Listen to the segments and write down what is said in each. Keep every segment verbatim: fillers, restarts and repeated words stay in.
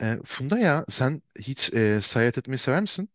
E, Funda ya sen hiç e, seyahat etmeyi sever misin?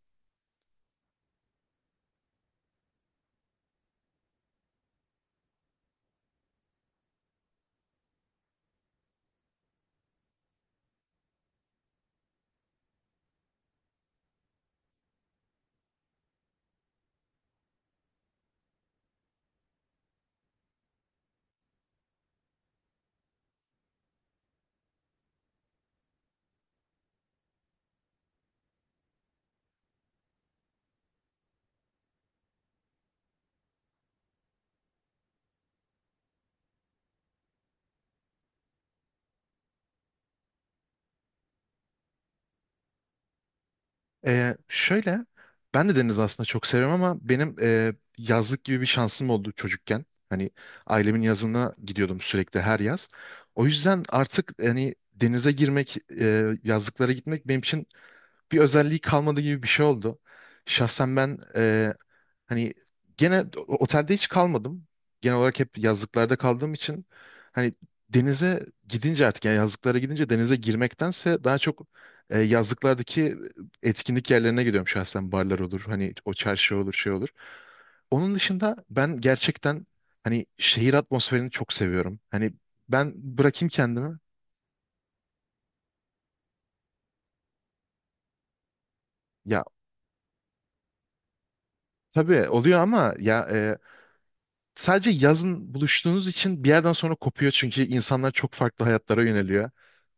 E, şöyle ben de deniz aslında çok seviyorum ama benim e, yazlık gibi bir şansım oldu çocukken. Hani ailemin yazına gidiyordum sürekli her yaz. O yüzden artık hani denize girmek, e, yazlıklara gitmek benim için bir özelliği kalmadı gibi bir şey oldu. Şahsen ben, hani gene o- otelde hiç kalmadım. Genel olarak hep yazlıklarda kaldığım için hani denize gidince artık yani yazlıklara gidince denize girmektense daha çok e, yazlıklardaki etkinlik yerlerine gidiyorum şahsen, barlar olur, hani o çarşı olur, şey olur. Onun dışında ben gerçekten hani şehir atmosferini çok seviyorum. Hani ben bırakayım kendimi. Ya tabii oluyor ama ya e, sadece yazın buluştuğunuz için bir yerden sonra kopuyor çünkü insanlar çok farklı hayatlara yöneliyor.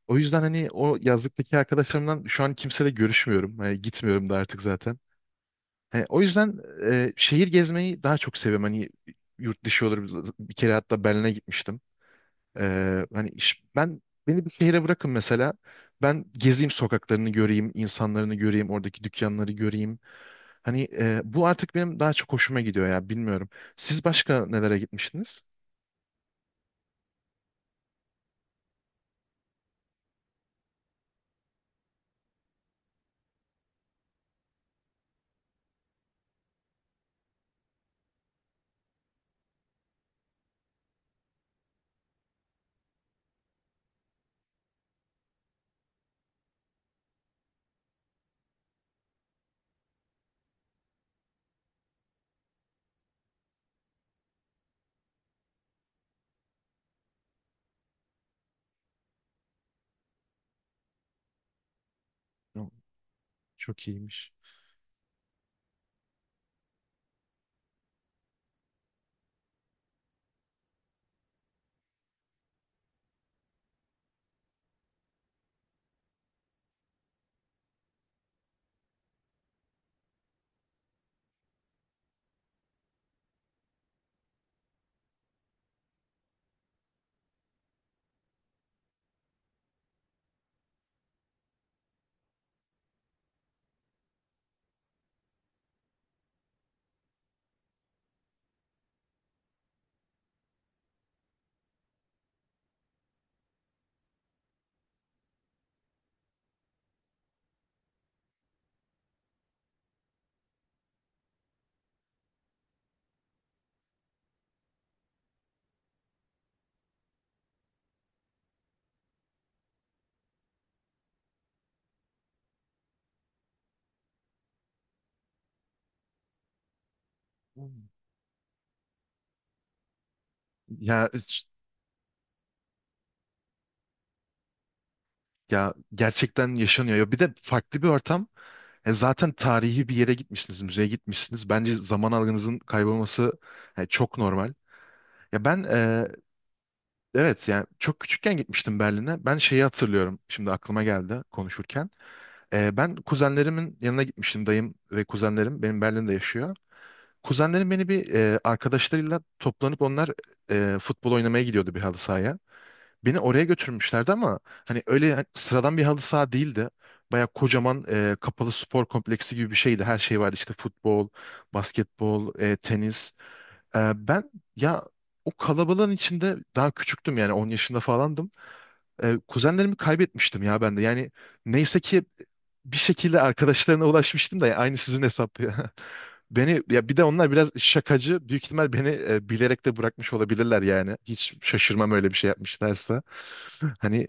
O yüzden hani o yazlıktaki arkadaşlarımdan şu an kimseyle görüşmüyorum. Hani gitmiyorum da artık zaten. Hani o yüzden e, şehir gezmeyi daha çok seviyorum. Hani yurt dışı olur. Bir kere hatta Berlin'e gitmiştim. E, hani iş- ben beni bir şehre bırakın mesela. Ben gezeyim, sokaklarını göreyim, insanlarını göreyim, oradaki dükkanları göreyim. Hani e, bu artık benim daha çok hoşuma gidiyor ya, bilmiyorum. Siz başka nelere gitmiştiniz? Yok, çok iyiymiş. Hmm. Ya Ya gerçekten yaşanıyor. Ya bir de farklı bir ortam. E, zaten tarihi bir yere gitmişsiniz, müzeye gitmişsiniz. Bence zaman algınızın kaybolması e, çok normal. Ya ben, e, evet, yani çok küçükken gitmiştim Berlin'e. Ben şeyi hatırlıyorum. Şimdi aklıma geldi konuşurken. E, ben kuzenlerimin yanına gitmiştim. Dayım ve kuzenlerim benim Berlin'de yaşıyor. Kuzenlerim beni bir e, arkadaşlarıyla toplanıp onlar e, futbol oynamaya gidiyordu, bir halı sahaya. Beni oraya götürmüşlerdi ama hani öyle, hani sıradan bir halı saha değildi. Baya kocaman e, kapalı spor kompleksi gibi bir şeydi. Her şey vardı işte, futbol, basketbol, e, tenis. E, ben ya o kalabalığın içinde daha küçüktüm, yani on yaşında falandım. E, kuzenlerimi kaybetmiştim ya ben de. Yani neyse ki bir şekilde arkadaşlarına ulaşmıştım da, ya aynı sizin hesap ya. Beni ya, bir de onlar biraz şakacı. Büyük ihtimal beni e, bilerek de bırakmış olabilirler yani. Hiç şaşırmam öyle bir şey yapmışlarsa. Hani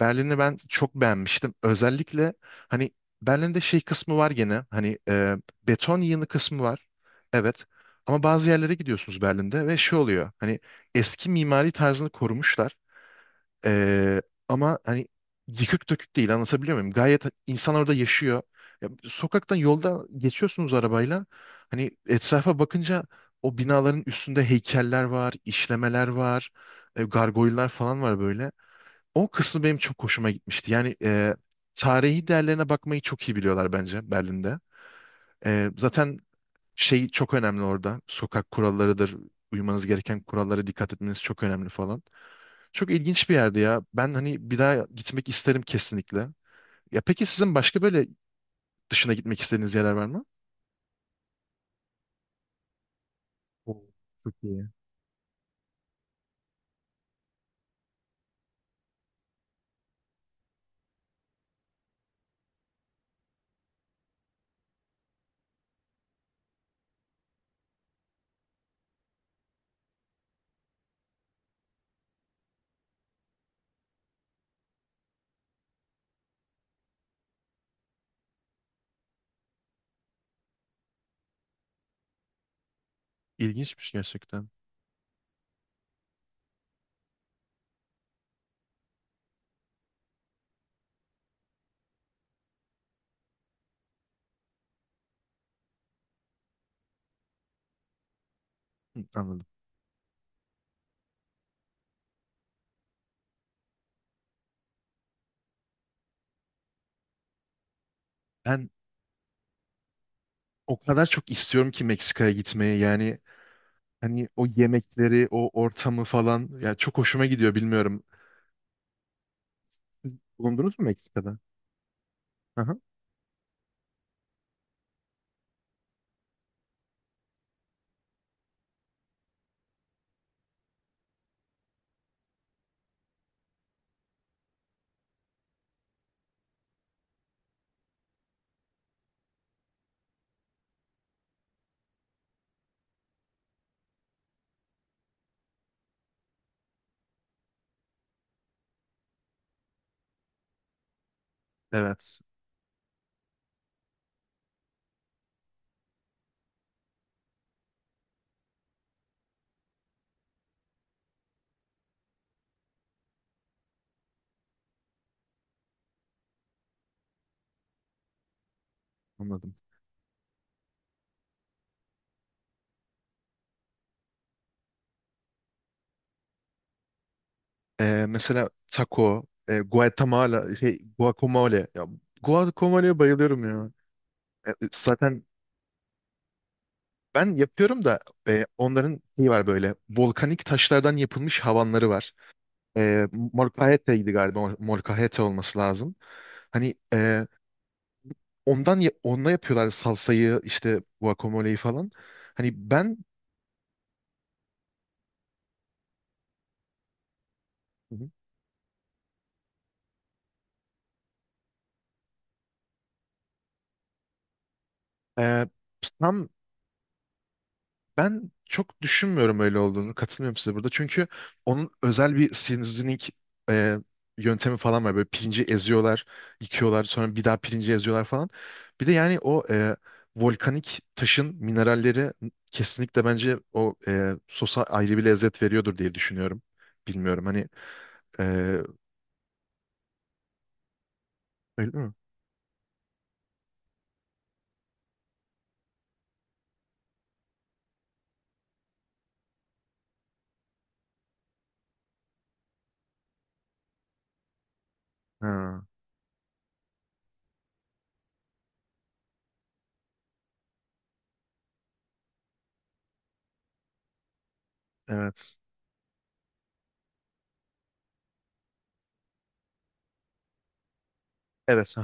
Berlin'i ben çok beğenmiştim. Özellikle hani Berlin'de şey kısmı var gene. Hani e, beton yığını kısmı var. Evet. Ama bazı yerlere gidiyorsunuz Berlin'de ve şey oluyor. Hani eski mimari tarzını korumuşlar. E, Ama hani yıkık dökük değil. Anlatabiliyor muyum? Gayet insan orada yaşıyor. Ya, sokaktan, yolda geçiyorsunuz arabayla. Hani etrafa bakınca o binaların üstünde heykeller var, işlemeler var, e, gargoylar falan var böyle. O kısmı benim çok hoşuma gitmişti. Yani e, tarihi değerlerine bakmayı çok iyi biliyorlar bence Berlin'de. E, zaten şey çok önemli orada. Sokak kurallarıdır. Uymanız gereken kurallara dikkat etmeniz çok önemli falan. Çok ilginç bir yerdi ya. Ben hani bir daha gitmek isterim kesinlikle. Ya peki sizin başka böyle dışına gitmek istediğiniz yerler var mı? Oo, çok iyi. İlginçmiş gerçekten. Hı, anladım. Ben o kadar çok istiyorum ki Meksika'ya gitmeye. Yani hani o yemekleri, o ortamı falan, ya çok hoşuma gidiyor, bilmiyorum. Siz bulundunuz mu Meksika'da? Aha, evet, anladım. Ee, mesela taco, e, Guatemala, şey guacamole. Ya, guacamole'ye bayılıyorum ya. E, zaten ben yapıyorum da, e, onların şeyi var böyle, volkanik taşlardan yapılmış havanları var. E, Molcajete'ydi galiba. mol- Molcajete olması lazım. Hani e, ondan ya- onunla yapıyorlar salsayı, işte guacamole'yi falan. Hani ben Hı hı. e, tam Ben çok düşünmüyorum öyle olduğunu. Katılmıyorum size burada. Çünkü onun özel bir seasoning e, yöntemi falan var. Böyle pirinci eziyorlar, yıkıyorlar, sonra bir daha pirinci eziyorlar falan. Bir de yani o e, volkanik taşın mineralleri kesinlikle bence o e, sosa ayrı bir lezzet veriyordur diye düşünüyorum. Bilmiyorum hani. e, Öyle mi? Ha, evet. Evet.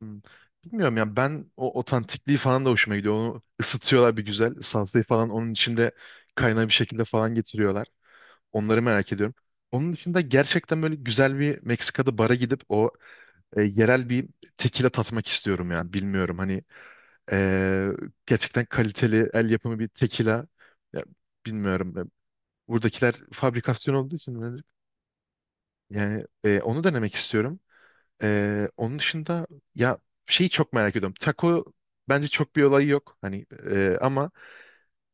Hmm. Bilmiyorum ya, ben o otantikliği falan da hoşuma gidiyor. Onu ısıtıyorlar bir güzel. Salsayı falan onun içinde kaynağı bir şekilde falan getiriyorlar. Onları merak ediyorum. Onun dışında gerçekten böyle güzel bir Meksika'da bara gidip o e, yerel bir tekila tatmak istiyorum ya. Bilmiyorum hani, e, gerçekten kaliteli el yapımı bir tekila. Ya, bilmiyorum. E, Buradakiler fabrikasyon olduğu için birazcık. Yani e, onu denemek istiyorum. Ee, onun dışında ya şeyi çok merak ediyorum. Taco bence çok bir olayı yok. Hani e, ama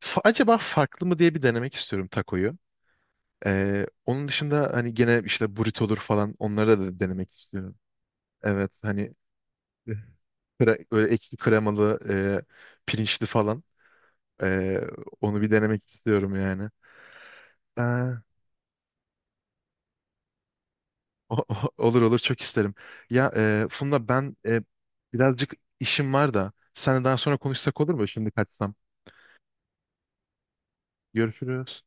fa- acaba farklı mı diye bir denemek istiyorum tacoyu. Ee, onun dışında hani gene işte burrito olur falan, onları da, da denemek istiyorum. Evet hani kre- böyle ekşi kremalı, e, pirinçli falan, Ee, onu bir denemek istiyorum yani. Ee, o- o- olur olur, çok isterim. Ya e, Funda, ben e, birazcık işim var da seninle daha sonra konuşsak olur mu? Şimdi kaçsam. Görüşürüz.